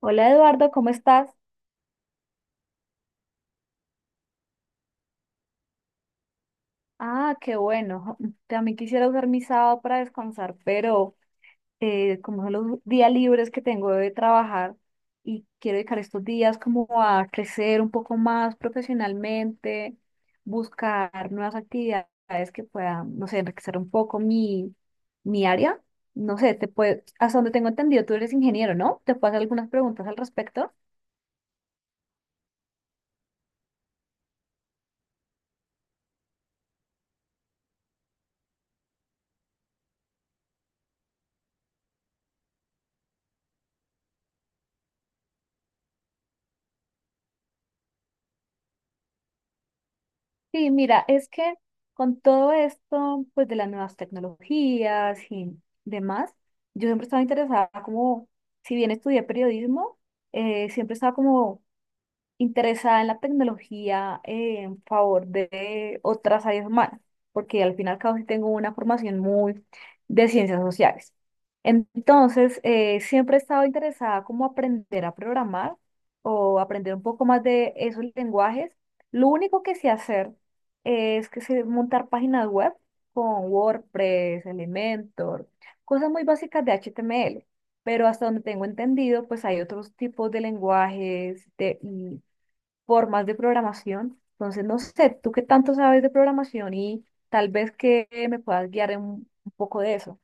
Hola Eduardo, ¿cómo estás? Ah, qué bueno. También quisiera usar mi sábado para descansar, pero como son los días libres que tengo de trabajar y quiero dedicar estos días como a crecer un poco más profesionalmente, buscar nuevas actividades que puedan, no sé, enriquecer un poco mi área. No sé, te puede, hasta donde tengo entendido, tú eres ingeniero, ¿no? ¿Te puedo hacer algunas preguntas al respecto? Sí, mira, es que con todo esto, pues de las nuevas tecnologías y demás, yo siempre estaba interesada como, si bien estudié periodismo, siempre estaba como interesada en la tecnología en favor de otras áreas humanas, porque al final y al cabo sí tengo una formación muy de ciencias sociales. Entonces, siempre he estado interesada como aprender a programar o aprender un poco más de esos lenguajes. Lo único que sé hacer es que sé montar páginas web con WordPress, Elementor, cosas muy básicas de HTML. Pero hasta donde tengo entendido, pues hay otros tipos de lenguajes de, formas de programación. Entonces, no sé, tú qué tanto sabes de programación y tal vez que me puedas guiar en un poco de eso.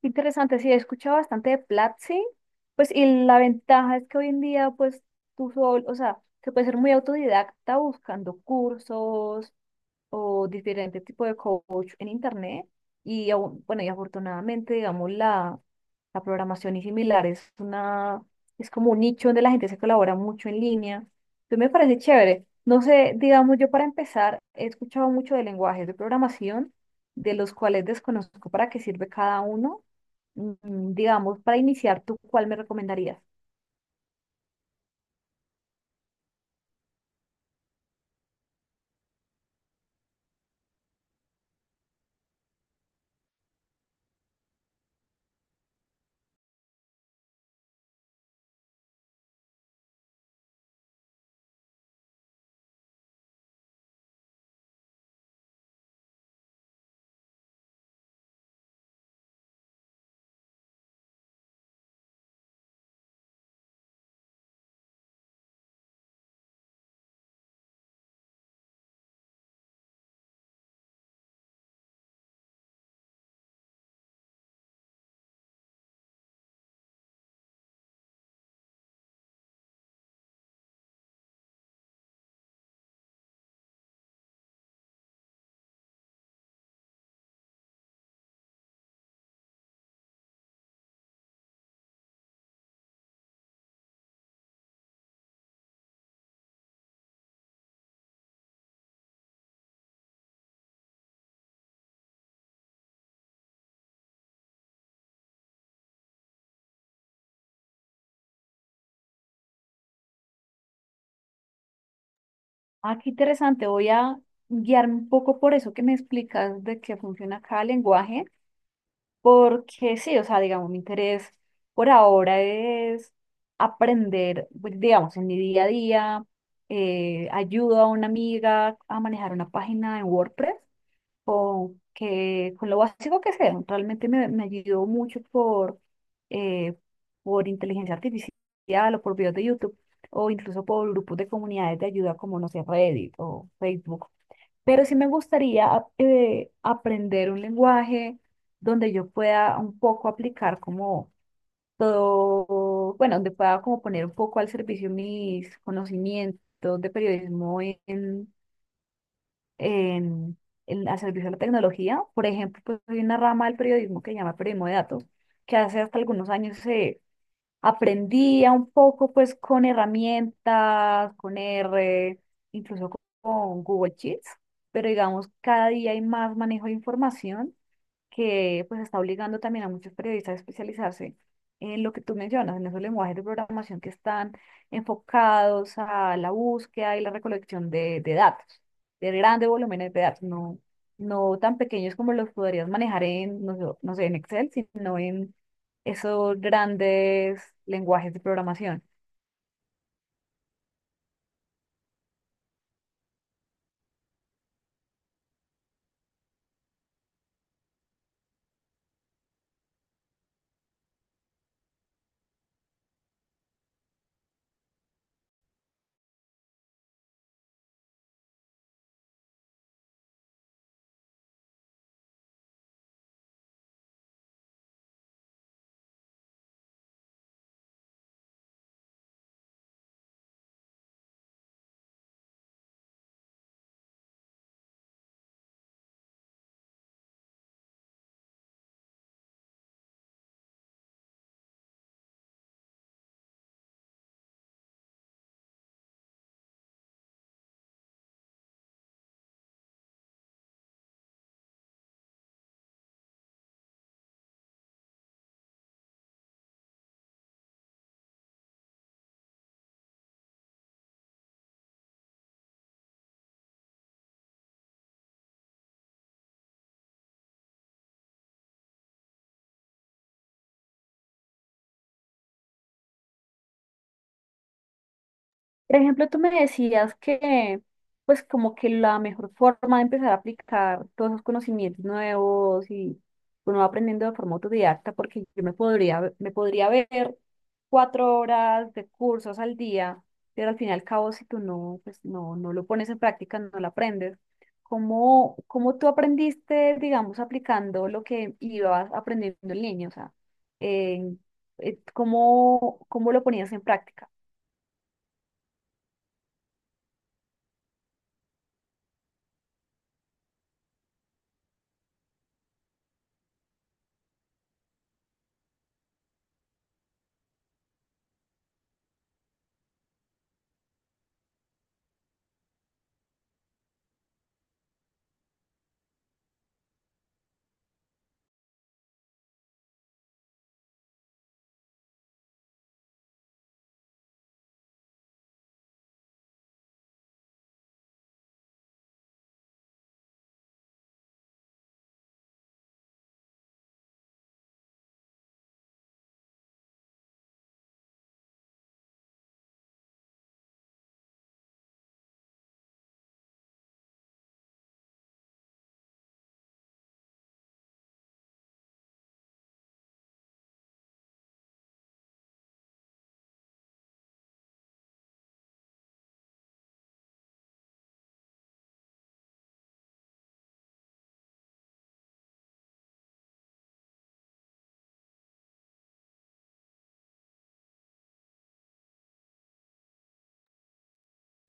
Qué interesante. Sí, he escuchado bastante de Platzi, pues y la ventaja es que hoy en día, pues tú solo, o sea, se puede ser muy autodidacta buscando cursos, o diferente tipo de coach en internet. Y aún- bueno, y afortunadamente, digamos, la programación y similar es una, es como un nicho donde la gente se colabora mucho en línea. Entonces me parece chévere. No sé, digamos, yo para empezar he escuchado mucho de lenguajes de programación, de los cuales desconozco para qué sirve cada uno. Digamos, para iniciar, ¿tú cuál me recomendarías? Ah, qué interesante. Voy a guiarme un poco por eso que me explicas de qué funciona cada lenguaje. Porque sí, o sea, digamos, mi interés por ahora es aprender, pues, digamos, en mi día a día, ayudo a una amiga a manejar una página en WordPress, con, que, con lo básico que sea. Realmente me ayudó mucho eh, por inteligencia artificial o por videos de YouTube o incluso por grupos de comunidades de ayuda como, no sé, Reddit o Facebook, pero sí me gustaría aprender un lenguaje donde yo pueda un poco aplicar como todo, bueno, donde pueda como poner un poco al servicio mis conocimientos de periodismo en, al servicio de la tecnología. Por ejemplo, pues hay una rama del periodismo que se llama periodismo de datos, que hace hasta algunos años aprendía un poco pues con herramientas, con R, incluso con Google Sheets, pero digamos cada día hay más manejo de información que pues está obligando también a muchos periodistas a especializarse en lo que tú mencionas, en esos lenguajes de programación que están enfocados a la búsqueda y la recolección de datos, de grandes volúmenes de datos, no, no tan pequeños como los podrías manejar en, no sé, en Excel, sino en esos grandes lenguajes de programación. Por ejemplo, tú me decías que, pues, como que la mejor forma de empezar a aplicar todos esos conocimientos nuevos y uno va aprendiendo de forma autodidacta, porque yo me podría ver 4 horas de cursos al día, pero al fin y al cabo, si tú no, pues, no lo pones en práctica, no lo aprendes. ¿Cómo tú aprendiste, digamos, aplicando lo que ibas aprendiendo en línea? O sea, eh, cómo lo ponías en práctica?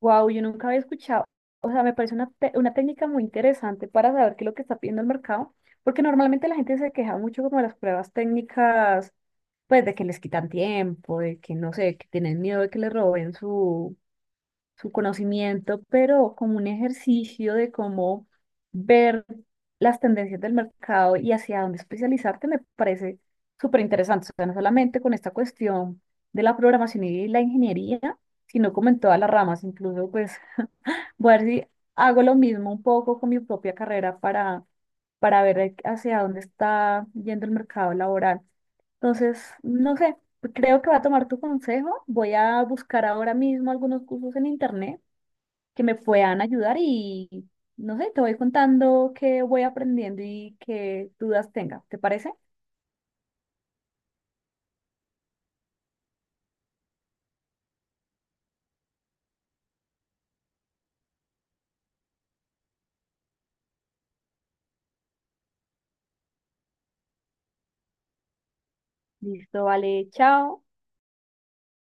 Wow, yo nunca había escuchado, o sea, me parece una, una técnica muy interesante para saber qué es lo que está pidiendo el mercado, porque normalmente la gente se queja mucho como de las pruebas técnicas, pues de que les quitan tiempo, de que no sé, que tienen miedo de que les roben su conocimiento, pero como un ejercicio de cómo ver las tendencias del mercado y hacia dónde especializarte me parece súper interesante, o sea, no solamente con esta cuestión de la programación y la ingeniería, sino como en todas las ramas, incluso pues voy a ver si hago lo mismo un poco con mi propia carrera para ver hacia dónde está yendo el mercado laboral. Entonces, no sé, creo que voy a tomar tu consejo. Voy a buscar ahora mismo algunos cursos en internet que me puedan ayudar y, no sé, te voy contando qué voy aprendiendo y qué dudas tenga. ¿Te parece? Listo, vale, chao.